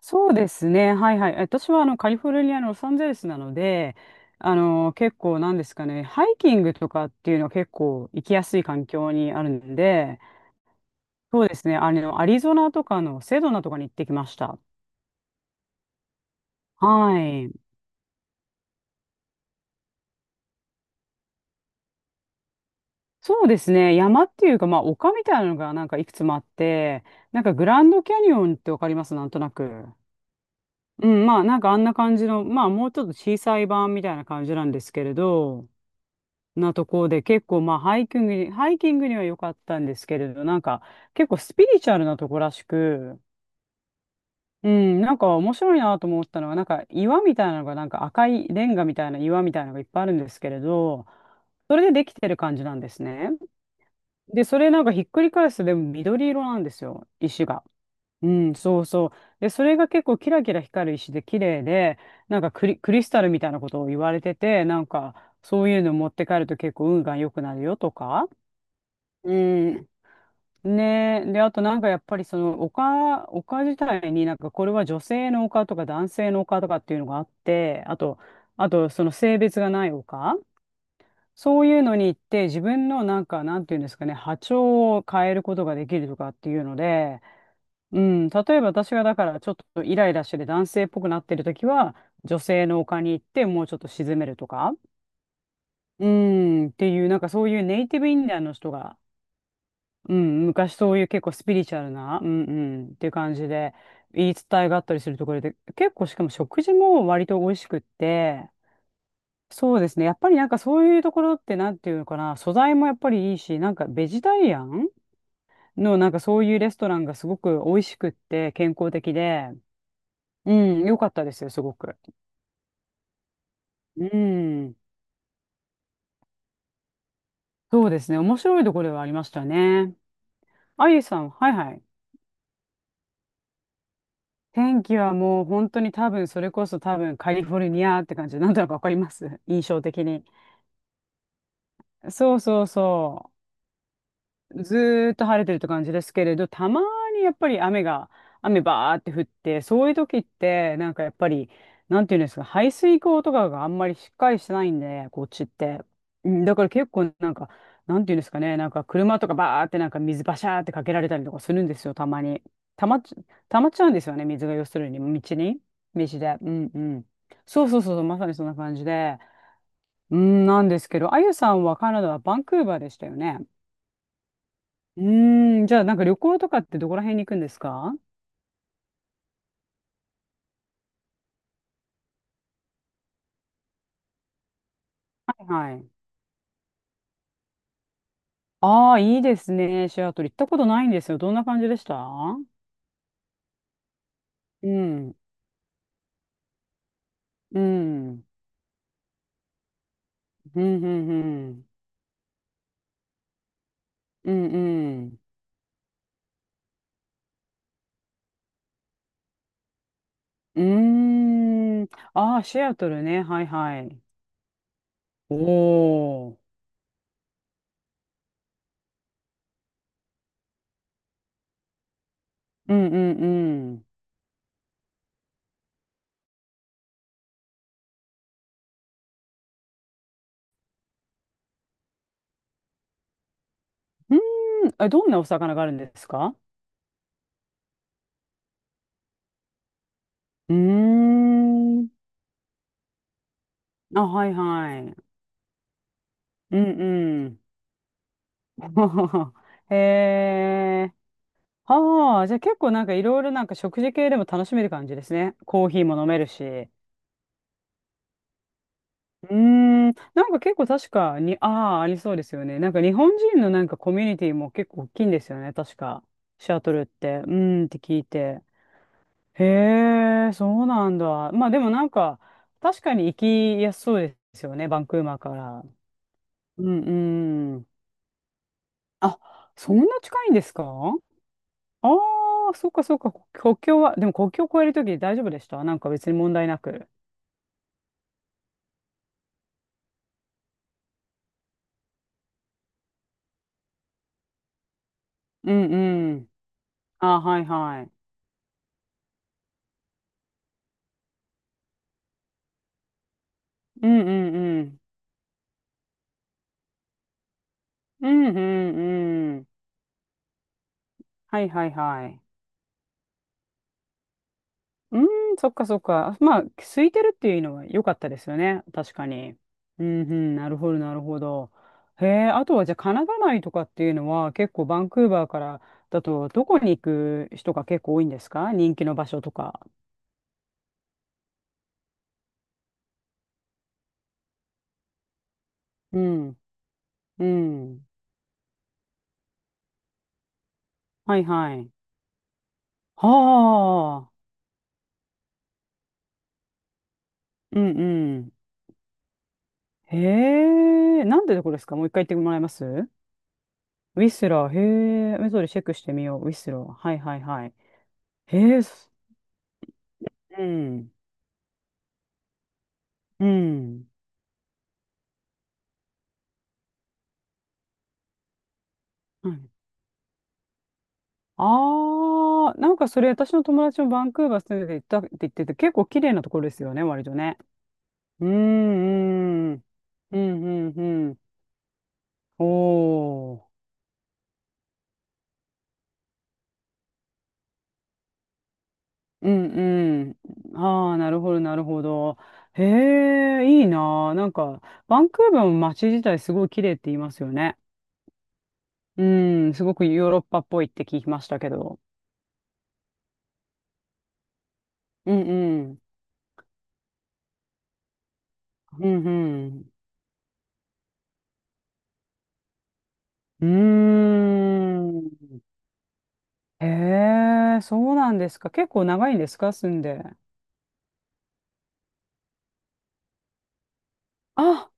そうですね。はいはい。私はカリフォルニアのロサンゼルスなので、結構なんですかね、ハイキングとかっていうのは結構行きやすい環境にあるんで、そうですね。アリゾナとかのセドナとかに行ってきました。はい。そうですね。山っていうか、まあ丘みたいなのがなんかいくつもあって、なんかグランドキャニオンってわかります、なんとなく？うん、まあなんかあんな感じの、まあもうちょっと小さい版みたいな感じなんですけれど、なところで結構まあハイキングには良かったんですけれど、なんか結構スピリチュアルなとこらしく、うん、なんか面白いなと思ったのは、なんか岩みたいなのがなんか赤いレンガみたいな岩みたいなのがいっぱいあるんですけれど、それでできてる感じなんですね。で、それなんかひっくり返すとでも緑色なんですよ、石が。うん、そうそう。で、それが結構キラキラ光る石で綺麗で、なんかクリスタルみたいなことを言われてて、なんかそういうの持って帰ると結構運が良くなるよとか。うん。ねえ。で、あとなんかやっぱりその丘自体になんかこれは女性の丘とか男性の丘とかっていうのがあって、あとその性別がない丘、そういうのに行って自分のなんかなんていうんですかね、波長を変えることができるとかっていうので、うん、例えば私がだからちょっとイライラしてて男性っぽくなってる時は女性の丘に行ってもうちょっと沈めるとか、うん、っていうなんかそういうネイティブインディアンの人が、うん、昔そういう結構スピリチュアルな、うんうんっていう感じで言い伝えがあったりするところで、結構しかも食事も割と美味しくって、そうですね、やっぱりなんかそういうところってなんていうのかな、素材もやっぱりいいし、なんかベジタリアンのなんかそういうレストランがすごく美味しくって健康的で、うん、良かったですよ、すごく。うん、そうですね、面白いところではありましたね。あゆさん、はいはい。天気はもう本当に多分それこそ多分カリフォルニアって感じでなんとなくわかります、印象的に。そうそうそう。ずーっと晴れてるって感じですけれど、たまにやっぱり雨バーって降って、そういう時って、なんかやっぱり、なんていうんですか、排水溝とかがあんまりしっかりしてないんで、こっちって。うん、だから結構なんか、なんていうんですかね、なんか車とかバーってなんか水バシャーってかけられたりとかするんですよ、たまに。たまっち、たまっちゃうんですよね、水が要するに、道で。うんうん。そうそうそうそう、まさにそんな感じで。うん、なんですけど、あゆさんはカナダはバンクーバーでしたよね。うーん、じゃあなんか旅行とかってどこら辺に行くんですか？はいはい。ああ、いいですね。シアトル行ったことないんですよ。どんな感じでした？うん、うん、うん、うん、うん、うんうん。うーん。ああ、シアトルね。はいはい。おお。うん、うん、うん。うん、え、どんなお魚があるんですか？うーん。あ、はいはい。うん、うん。へえ。ああ、じゃあ結構なんかいろいろなんか食事系でも楽しめる感じですね。コーヒーも飲めるし。うーん、なんか結構確かに、ああ、ありそうですよね。なんか日本人のなんかコミュニティも結構大きいんですよね、確か。シアトルって。うーんって聞いて。へえ、そうなんだ。まあでもなんか、確かに行きやすそうですよね、バンクーバーから。うんうん。あ、そんな近いんですか？ああ、そっかそっか、こ国境は、でも国境を越えるとき大丈夫でした、なんか別に問題なく？うんうん。ああ、はいはい。うんうんうん。うんうんうん。はいはいはい。うん、そっかそっか。まあ、空いてるっていうのは良かったですよね、確かに。うんうん、なるほどなるほど。へえ、あとはじゃあカナダ内とかっていうのは結構バンクーバーからだとどこに行く人が結構多いんですか、人気の場所とか。うん、うん。はいはい。はあ、うんうん。へえ、なんでこれですか、もう一回言ってもらえます？ウィスラー、へえ、目れりチェックしてみよう、ウィスラー。はいはいはい。へえ、す、うん、うん。はい。ああ、なんかそれ私の友達もバンクーバー住んでて行ったって言ってて、結構綺麗なところですよね、割とね。うん、うん、うん、うん、うん。おー、うんうん。ああ、なるほど、なるほど。へえ、いいなあ。なんか、バンクーバーの街自体すごい綺麗って言いますよね。うん、すごくヨーロッパっぽいって聞きましたけど。うんうん。うんうん。うーん。へえ、そうなんですか。結構長いんですか、住んで？あ、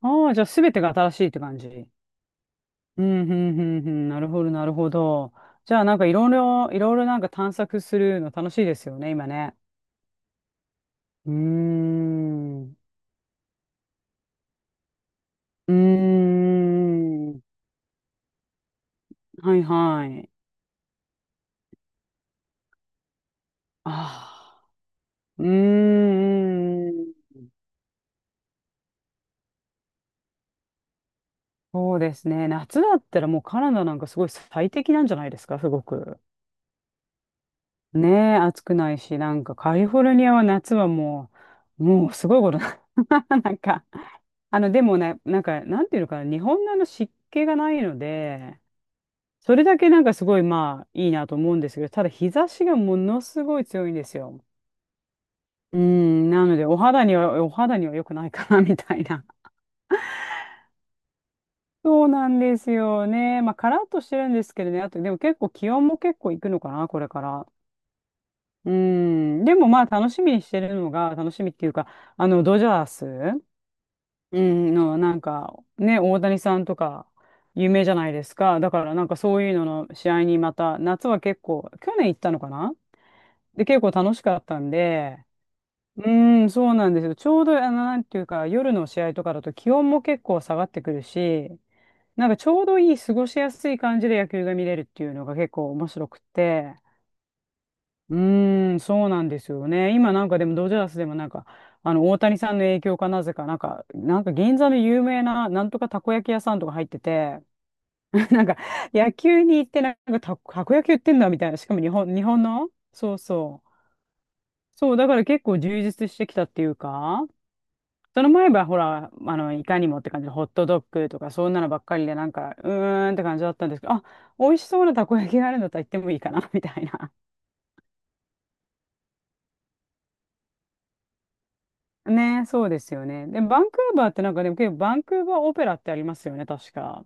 ああ、じゃあ全てが新しいって感じ。うん、うん、うん、うん。なるほど、なるほど。じゃあ、いろいろなんか探索するの楽しいですよね、今ね。うーん。うーん。はいはい。ああ。うーん。そうですね。夏だったらもうカナダなんかすごい最適なんじゃないですか、すごく。ねえ、暑くないし、なんかカリフォルニアは夏はもう、もうすごいことな。なんか、でもね、なんか、なんていうのかな、日本のあの湿気がないので、それだけなんかすごいまあいいなと思うんですけど、ただ日差しがものすごい強いんですよ。うん、なので、お肌には良くないかな、みたいな。そうなんですよね。まあ、カラッとしてるんですけどね。あと、でも結構気温も結構いくのかな、これから。うん。でもまあ、楽しみにしてるのが、楽しみっていうか、ドジャース、の大谷さんとか、有名じゃないですか。だから、なんかそういうのの試合にまた、夏は結構、去年行ったのかな？で、結構楽しかったんで、うーん、そうなんですよ。ちょうど、なんていうか、夜の試合とかだと気温も結構下がってくるし、なんかちょうどいい過ごしやすい感じで野球が見れるっていうのが結構面白くて、うーん、そうなんですよね。今なんかでもドジャースでもなんか、大谷さんの影響かなぜか、なんか銀座の有名な、なんとかたこ焼き屋さんとか入ってて、なんか野球に行ってなんかた、たこ焼き売ってんだみたいな。しかも日本のそうそう。そう、だから結構充実してきたっていうか、その前はほら、いかにもって感じで、ホットドッグとか、そんなのばっかりで、なんか、うーんって感じだったんですけど、あ、美味しそうなたこ焼きがあるんだったら行ってもいいかな、みたいな。ね、そうですよね。で、バンクーバーってなんか、でも結構、バンクーバーオペラってありますよね、確か。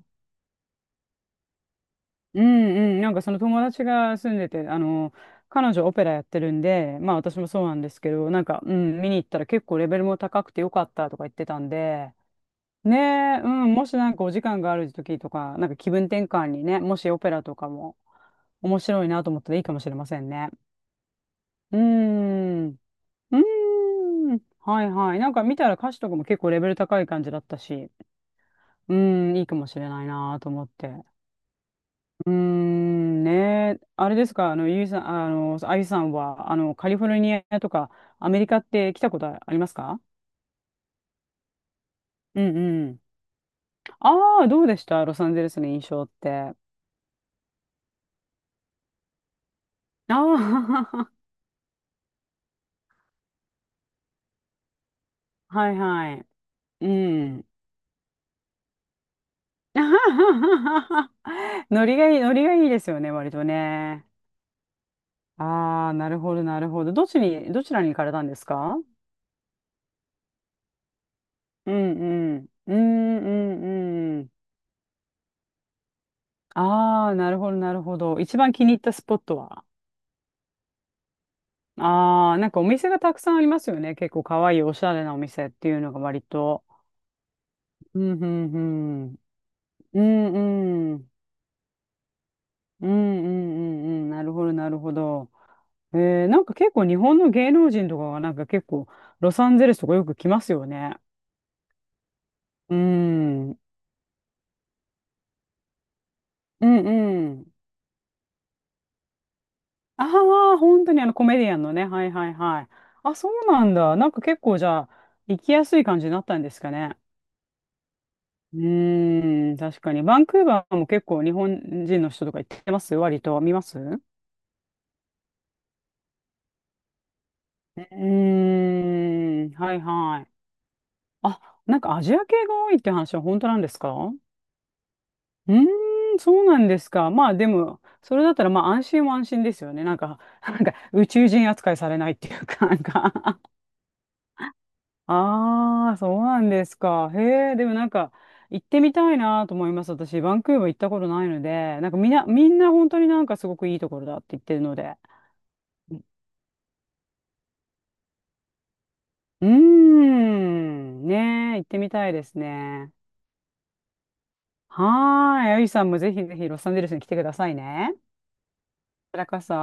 うんうん、なんかその友達が住んでて、彼女オペラやってるんで、まあ私もそうなんですけど、なんか、うん、見に行ったら結構レベルも高くてよかったとか言ってたんで、ねえ、うん、もしなんかお時間がある時とか、なんか気分転換にね、もしオペラとかも面白いなと思ったらいいかもしれませんね。うーん、うーはいはい。なんか見たら歌詞とかも結構レベル高い感じだったし、うーん、いいかもしれないなと思って。うーん、ねえ、あれですか、あの、ゆいさん、あの、あゆさんは、カリフォルニアとかアメリカって来たことありますか？うんうん。ああ、どうでしたロサンゼルスの印象って。ああ はいはい。うん。ノリがいいですよね、割とね。ああ、なるほど、なるほど。どっちに、どちらに行かれたんですか？うんうん。うんうんうん。ああ、なるほど、なるほど。一番気に入ったスポットは？ああ、なんかお店がたくさんありますよね。結構かわいい、おしゃれなお店っていうのが割と。うんうんうん。うんうん。うんうんうんうん、なるほど、なるほど。えー、なんか結構日本の芸能人とかがなんか結構ロサンゼルスとかよく来ますよね。うん。うんうん。ああ、本当にあのコメディアンのね。はいはいはい。あ、そうなんだ。なんか結構じゃあ、行きやすい感じになったんですかね。うーん、確かに。バンクーバーも結構日本人の人とか行ってます割と。見ますうーん、はいはい。あ、なんかアジア系が多いって話は本当なんですか？うーん、そうなんですか。まあでも、それだったらまあ安心は安心ですよね。なんか、なんか宇宙人扱いされないっていうか、なんか ああ、そうなんですか。へえ、でもなんか、行ってみたいなと思います。私、バンクーバー行ったことないので、なんかみんな本当になんかすごくいいところだって言ってるので。うーん、ねえ、行ってみたいですね。はーい、あゆさんもぜひぜひロサンゼルスに来てくださいね。こちらこそ。